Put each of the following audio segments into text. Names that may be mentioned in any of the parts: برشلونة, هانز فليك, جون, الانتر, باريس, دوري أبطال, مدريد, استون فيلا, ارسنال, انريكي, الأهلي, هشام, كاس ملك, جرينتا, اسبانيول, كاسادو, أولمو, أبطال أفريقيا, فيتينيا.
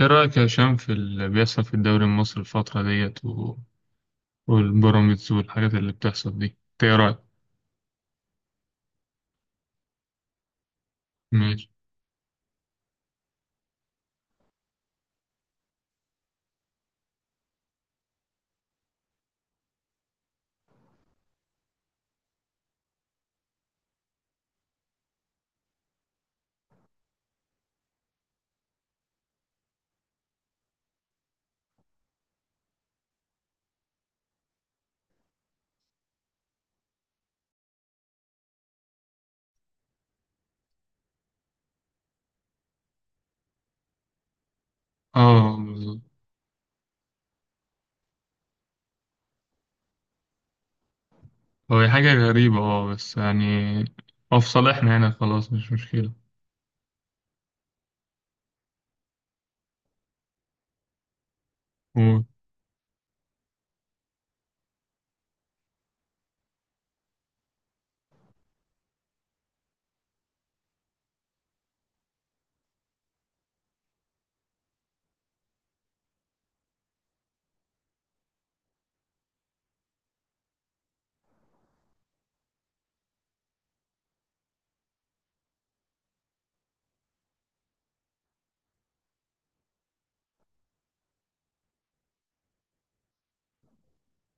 ايه رأيك يا هشام في اللي بيحصل في الدوري المصري الفترة ديت والبيراميدز والحاجات اللي بتحصل دي، إنت ايه رأيك؟ ماشي. اه، بالظبط. هو هي حاجة غريبة، اه بس يعني هو في صالحنا هنا، خلاص مش مشكلة. و...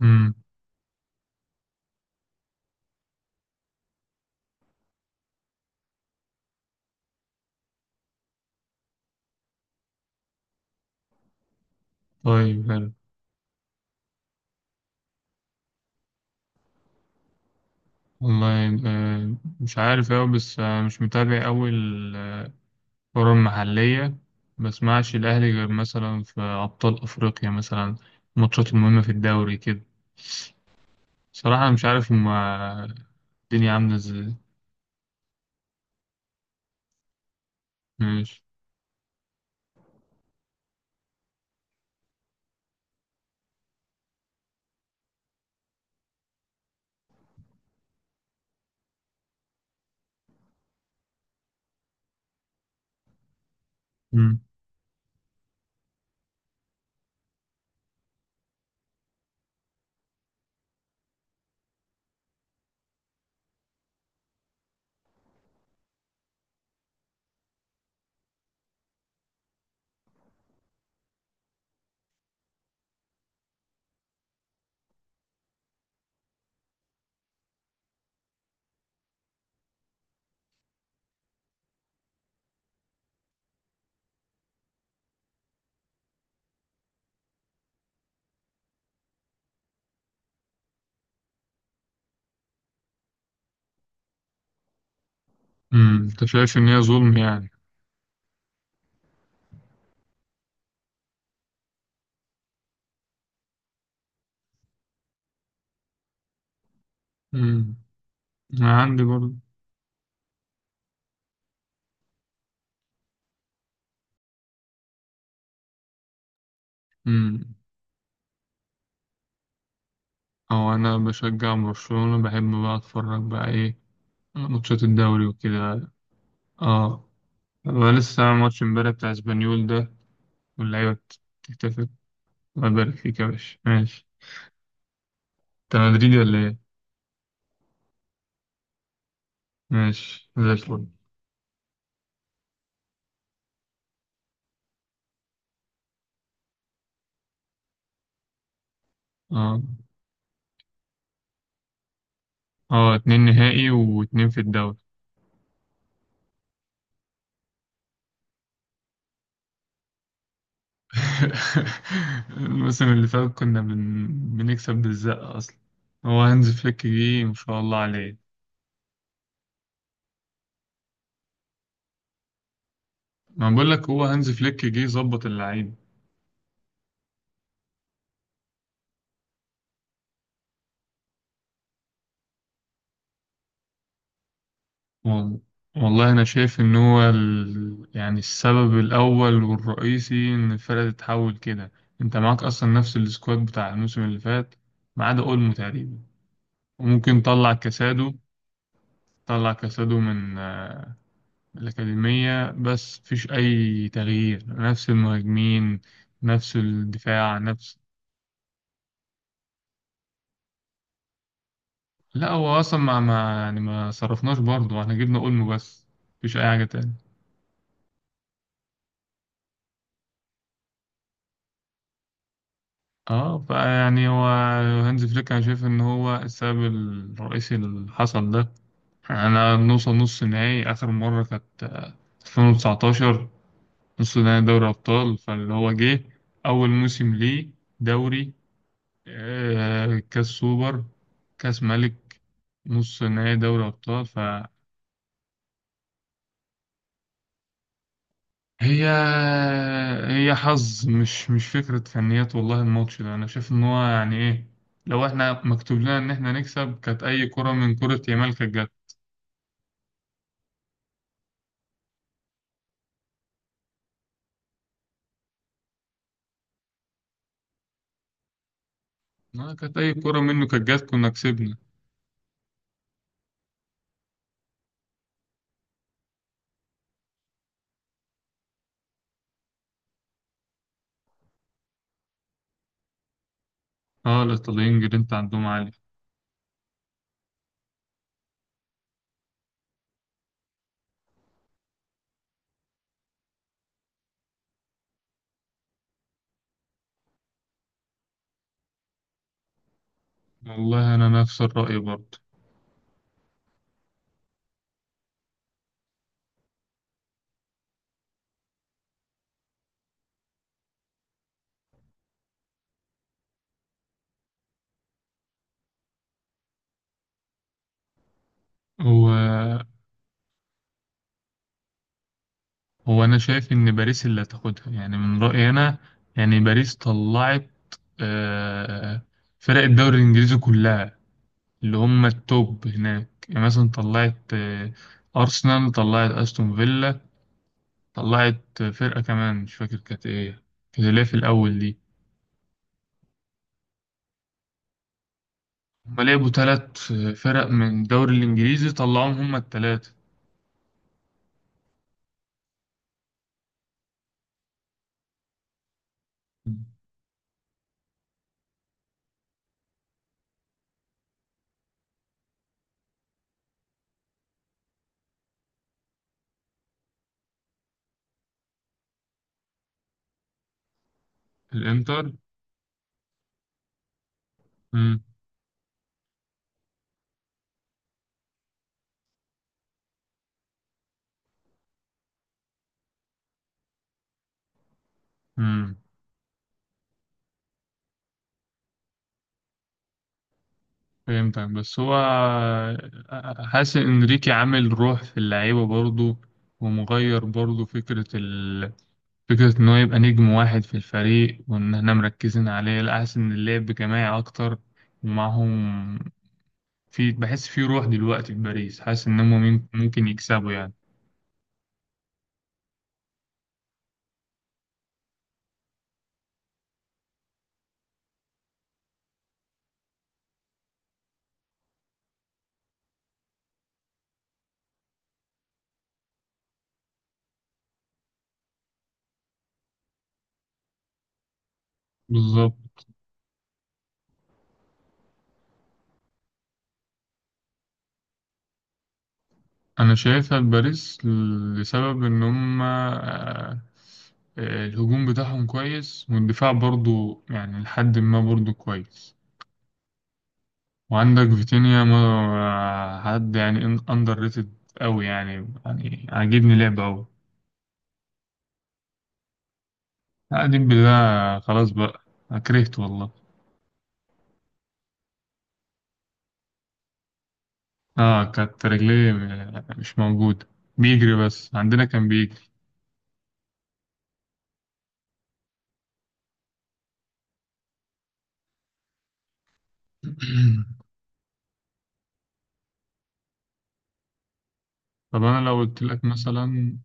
مم. طيب، حلو. والله مش عارف أوي، بس مش متابع أوي الكرة المحلية. بسمعش الأهلي غير مثلا في أبطال أفريقيا مثلا، الماتشات المهمة في الدوري كده. صراحة أنا مش عارف هما الدنيا عاملة ازاي. ماشي. مم. مم. انت شايف ان هي ظلم يعني. مم. انا عندي برضه. مم. او انا بشجع برشلونة، بحب بقى اتفرج بقى ايه، ماتشات الدوري وكده. اه. هو لسه عامل ماتش امبارح بتاع اسبانيول ده، واللعيبة بتحتفل. الله يبارك فيك يا باشا. ماشي. انت مدريدي ولا ايه؟ ماشي زي الفل. اه. اه، اتنين نهائي و2 في الدوري. الموسم اللي فات كنا بنكسب بالزقة أصلا. هو هانز فليك جه، ما شاء الله عليه. ما بقول لك هو هانز فليك جه ظبط اللعيب. وال- والله أنا شايف إن هو يعني السبب الأول والرئيسي إن الفرقة تتحول كده. أنت معاك أصلا نفس السكواد بتاع الموسم اللي فات ما عدا أولمو تقريبا، وممكن طلع كاسادو من الأكاديمية، بس مفيش أي تغيير. نفس المهاجمين، نفس الدفاع، نفس. لا هو أصلا ما يعني ما صرفناش برضه، احنا جبنا أولمو بس. مفيش أي حاجة تاني. اه فيعني هو هانز فليك أنا شايف إن هو السبب الرئيسي اللي حصل ده. أنا نوصل نص نهائي آخر مرة كانت 2019. نص نهائي دوري أبطال، فاللي هو جه أول موسم ليه دوري، كاس سوبر، كاس ملك، نص نهائي دوري أبطال. فهي هي حظ، مش فكرة فنيات. والله الماتش ده أنا شايف إن هو يعني إيه، لو إحنا مكتوب لنا إن إحنا نكسب كانت أي كرة من كرة يامال كانت جت. كانت أي كرة منه كانت جت كنا كسبنا. أه الإيطاليين جرينتا عندهم عالي. والله أنا نفس الرأي برضه. هو هو انا شايف ان باريس اللي هتاخدها، يعني من رايي انا. يعني باريس طلعت آه، فرق الدوري الانجليزي كلها، اللي هم التوب هناك. يعني مثلا طلعت ارسنال، طلعت استون فيلا، طلعت فرقه كمان مش فاكر كانت ايه، كانت اللي هي في الاول دي. هم لعبوا 3 فرق من الدوري الانجليزي طلعوهم، هم الثلاثه. الانتر. مم. مم. فهمتك، بس هو حاسس ان انريكي عامل روح في اللعيبه برضه، ومغير برضه فكره فكره ان هو يبقى نجم واحد في الفريق وان احنا مركزين عليه. لا، حاسس ان اللعب جماعي اكتر ومعاهم. في، بحس في روح دلوقتي في باريس، حاسس ان هم ممكن يكسبوا يعني. بالظبط. انا شايفها باريس، لسبب ان هم الهجوم بتاعهم كويس، والدفاع برضه يعني لحد ما برضه كويس. وعندك فيتينيا، ما حد يعني اندر ريتد قوي يعني عاجبني لعبه قوي. قاعدين بالله خلاص بقى. أنا كرهت والله. اه كانت رجليه مش موجوده، بيجري بس، عندنا كان بيجري. طب انا لو قلت لك مثلا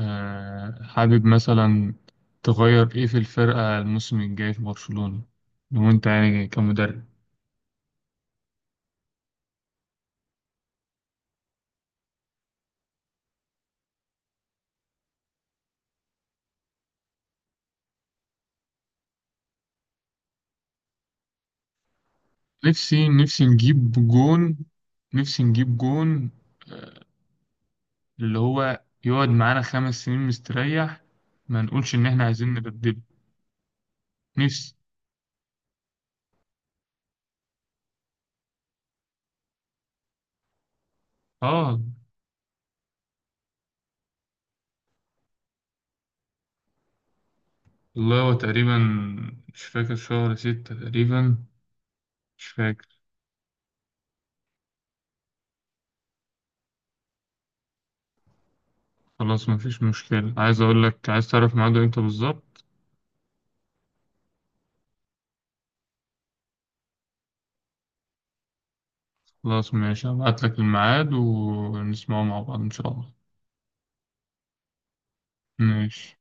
حابب مثلا تغير ايه في الفرقه الموسم الجاي في برشلونه لو انت يعني كمدرب؟ نفسي، نفسي نجيب جون. نفسي نجيب جون اللي هو يقعد معانا 5 سنين مستريح، ما نقولش إن إحنا عايزين نبدله. نفسي. آه والله هو تقريبا، مش فاكر، شهر 6 تقريبا، مش فاكر. خلاص مفيش مشكلة، عايز أقول لك عايز تعرف ميعاده إمتى بالظبط. خلاص ماشي، هبعت لك الميعاد ونسمعه مع بعض إن شاء الله. ماشي.